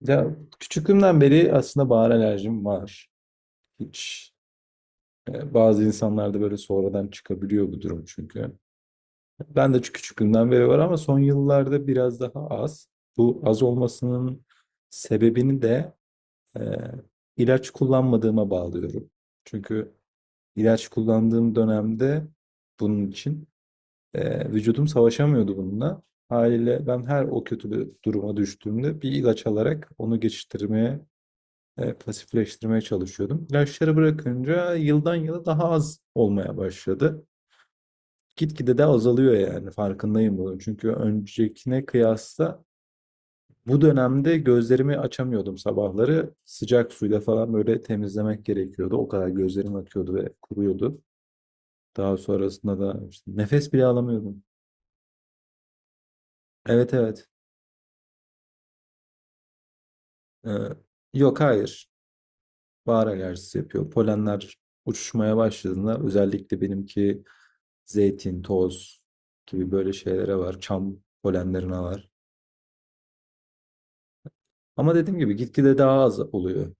Ya küçüklüğümden beri aslında bahar alerjim var. Hiç bazı insanlarda böyle sonradan çıkabiliyor bu durum çünkü. Ben de küçüklüğümden beri var ama son yıllarda biraz daha az. Bu az olmasının sebebini de e, ilaç kullanmadığıma bağlıyorum. Çünkü ilaç kullandığım dönemde bunun için vücudum savaşamıyordu bununla. Haliyle ben her o kötü bir duruma düştüğümde bir ilaç alarak onu geçiştirmeye pasifleştirmeye çalışıyordum. İlaçları bırakınca yıldan yıla daha az olmaya başladı. Gitgide de azalıyor yani farkındayım bunun. Çünkü öncekine kıyasla bu dönemde gözlerimi açamıyordum sabahları. Sıcak suyla falan böyle temizlemek gerekiyordu. O kadar gözlerim akıyordu ve kuruyordu. Daha sonrasında da işte nefes bile alamıyordum. Evet, evet. Ee, Yok, hayır. Bahar alerjisi yapıyor. Polenler uçuşmaya başladığında özellikle benimki zeytin, toz gibi böyle şeylere var. Çam polenlerine var. Ama dediğim gibi gitgide daha az oluyor.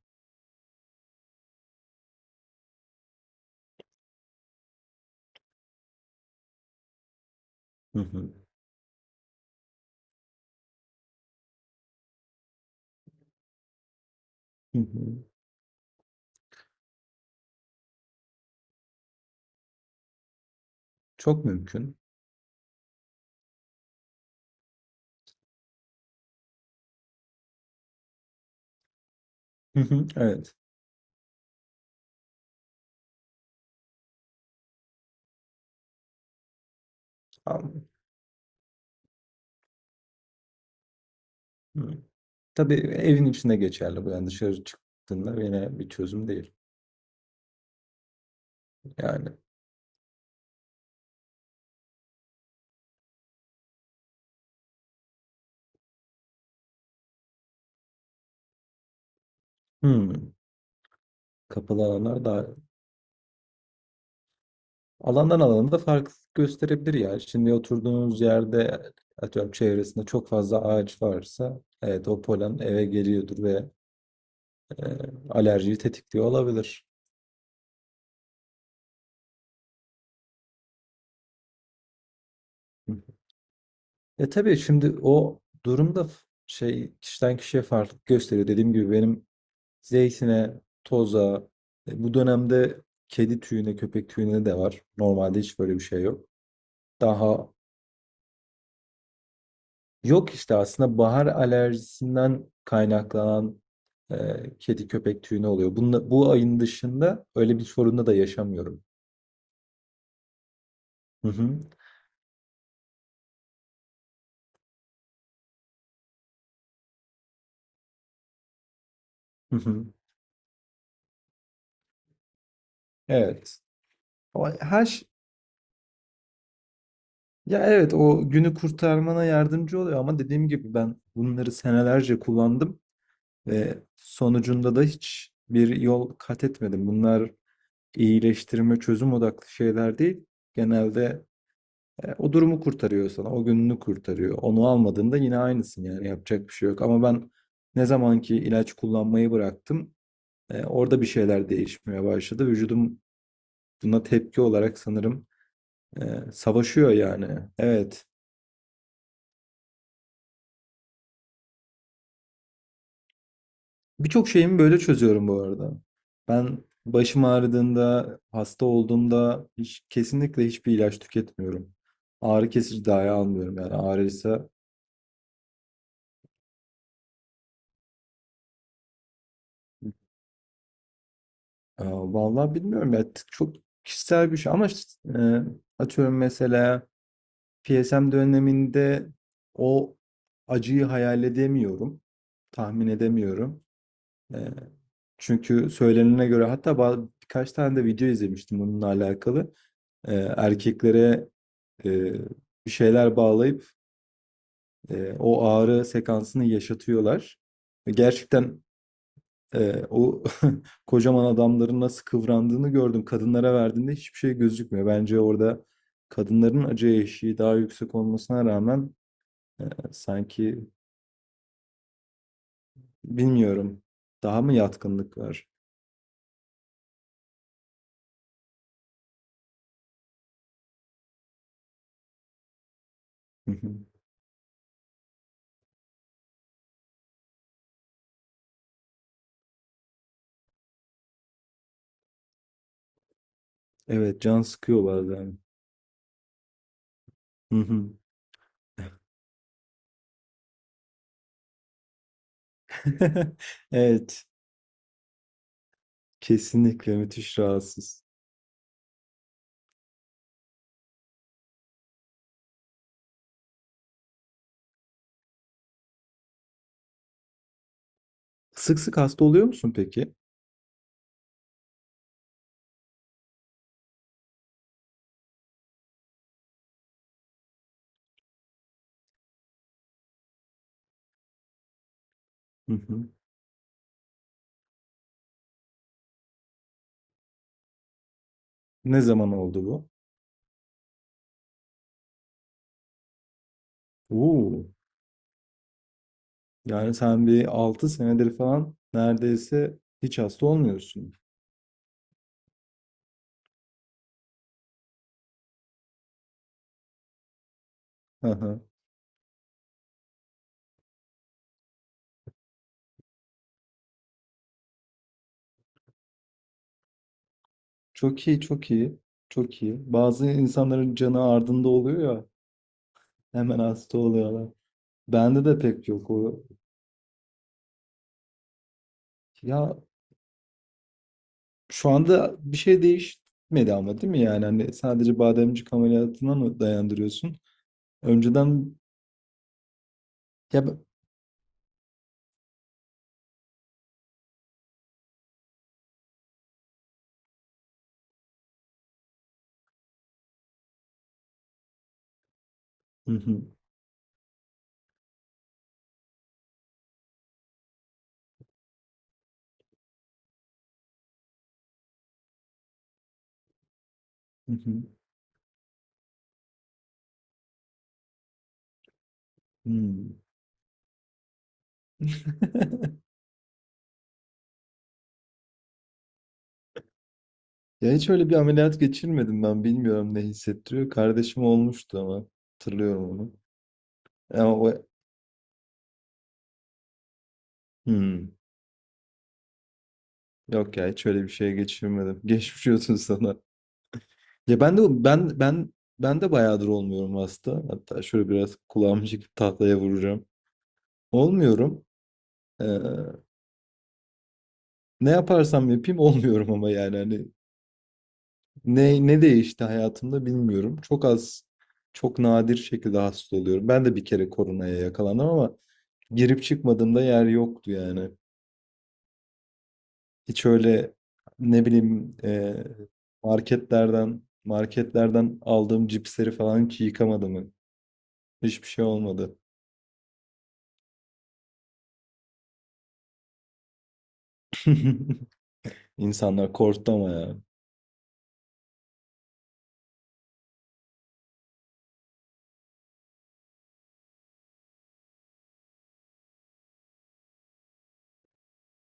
Hı hı. Hı hı. Çok mümkün. Hı hı. Evet. Ama- Hı. Tabii evin içinde geçerli bu. Yani dışarı çıktığında yine bir çözüm değil. Yani hı. Kapalı alanlar daha alandan alana da fark gösterebilir ya. Şimdi oturduğunuz yerde atıyorum çevresinde çok fazla ağaç varsa evet o polen eve geliyordur ve e, alerjiyi tetikliyor olabilir. E tabii şimdi o durumda şey kişiden kişiye farklılık gösteriyor. Dediğim gibi benim zeytine, toza, bu dönemde kedi tüyüne, köpek tüyüne de var. Normalde hiç böyle bir şey yok. Daha yok işte aslında bahar alerjisinden kaynaklanan e, kedi köpek tüyüne oluyor. Bununla, bu ayın dışında öyle bir sorunla da yaşamıyorum. Hı hı. Hı hı. Evet. Ama her şey ya evet, o günü kurtarmana yardımcı oluyor ama dediğim gibi ben bunları senelerce kullandım ve sonucunda da hiç bir yol kat etmedim. Bunlar iyileştirme, çözüm odaklı şeyler değil. Genelde o durumu kurtarıyor sana, o gününü kurtarıyor. Onu almadığında yine aynısın yani yapacak bir şey yok. Ama ben ne zamanki ilaç kullanmayı bıraktım, orada bir şeyler değişmeye başladı. Vücudum buna tepki olarak sanırım e, savaşıyor yani. Evet. Birçok şeyimi böyle çözüyorum bu arada. Ben başım ağrıdığında, hasta olduğumda hiç, kesinlikle hiçbir ilaç tüketmiyorum. Ağrı kesici dahi almıyorum yani ağrıysa. Vallahi bilmiyorum ya, çok kişisel bir şey ama işte, e, atıyorum mesela PSM döneminde o acıyı hayal edemiyorum, tahmin edemiyorum. E, Çünkü söylenene göre hatta birkaç tane de video izlemiştim bununla alakalı. E, erkeklere e, bir şeyler bağlayıp o ağrı sekansını yaşatıyorlar. Ve gerçekten o kocaman adamların nasıl kıvrandığını gördüm. Kadınlara verdiğinde hiçbir şey gözükmüyor. Bence orada kadınların acı eşiği daha yüksek olmasına rağmen e, sanki bilmiyorum, daha mı yatkınlık var? Hı hı. Evet, can sıkıyor bazen. Hı hı. Evet, kesinlikle müthiş rahatsız. Sık sık hasta oluyor musun peki? Hı hı. Ne zaman oldu bu? Oo, yani sen bir 6 senedir falan neredeyse hiç hasta olmuyorsun. Hı hı. Çok iyi, çok iyi, çok iyi. Bazı insanların canı ardında oluyor ya, hemen hasta oluyorlar. Bende de pek yok o. Ya şu anda bir şey değişmedi ama değil mi yani? Hani sadece bademcik ameliyatına mı dayandırıyorsun? Önceden ya ben- hı hı, hı hı, hı. Ya hiç öyle bir ameliyat geçirmedim ben. Bilmiyorum ne hissettiriyor. Kardeşim olmuştu ama. Hatırlıyorum onu. Ama o... Hmm. Yok ya, hiç öyle bir şey geçirmedim. Geçmiş olsun sana. Ya ben de ben de bayağıdır olmuyorum hasta. Hatta şöyle biraz kulağımı çekip tahtaya vuracağım. Olmuyorum. Ee, Ne yaparsam yapayım olmuyorum ama yani hani ne değişti hayatımda bilmiyorum. Çok az, çok nadir şekilde hasta oluyorum. Ben de bir kere koronaya yakalandım ama girip çıkmadığımda yer yoktu yani. Hiç öyle, ne bileyim, marketlerden aldığım cipsleri falan hiç yıkamadım. Hiçbir şey olmadı. İnsanlar korktu ama ya.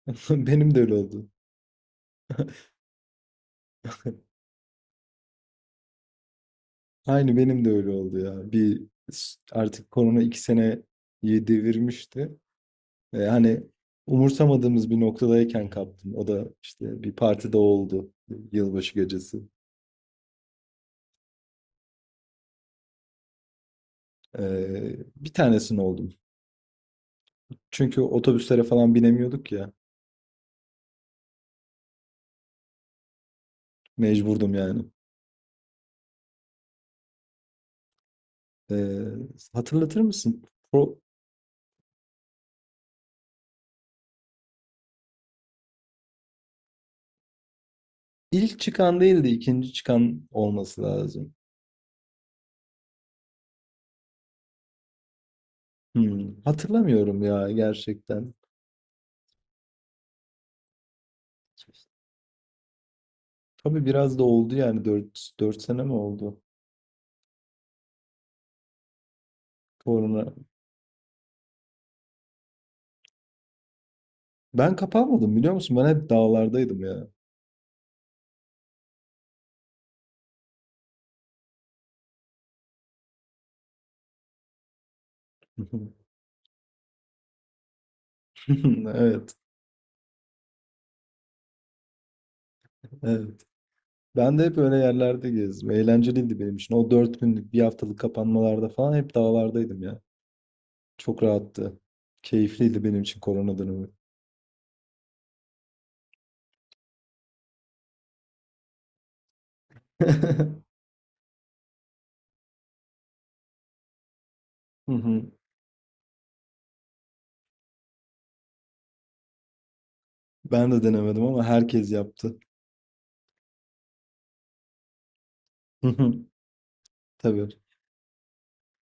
Benim de öyle oldu. Aynı benim de öyle oldu ya. Bir artık korona iki seneyi devirmişti. Hani umursamadığımız bir noktadayken kaptım. O da işte bir partide oldu. Yılbaşı gecesi. Bir tanesini oldum. Çünkü otobüslere falan binemiyorduk ya. Mecburdum yani. Ee, hatırlatır mısın? O ilk çıkan değildi, ikinci çıkan olması lazım. Hmm, hatırlamıyorum ya gerçekten. Tabii biraz da oldu yani 4 sene mi oldu? Korona. Ben kapanmadım biliyor musun? Ben hep dağlardaydım ya. Evet, evet. Ben de hep öyle yerlerde gezdim. Eğlenceliydi benim için. O dört günlük, bir haftalık kapanmalarda falan hep dağlardaydım ya. Çok rahattı. Keyifliydi benim için korona dönemi. Hı hı. Ben de denemedim ama herkes yaptı. Hı hı. Tabii.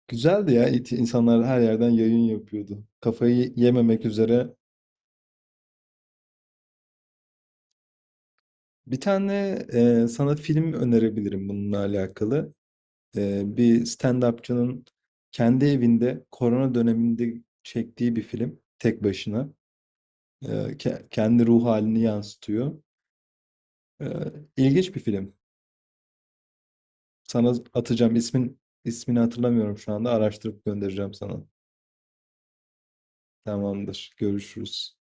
Güzeldi ya. İnsanlar her yerden yayın yapıyordu. Kafayı yememek üzere. Bir tane sana film önerebilirim bununla alakalı. E, bir stand-upçının kendi evinde korona döneminde çektiği bir film. Tek başına. Kendi ruh halini yansıtıyor. İlginç bir film. Sana atacağım ismini hatırlamıyorum şu anda. Araştırıp göndereceğim sana. Tamamdır. Görüşürüz.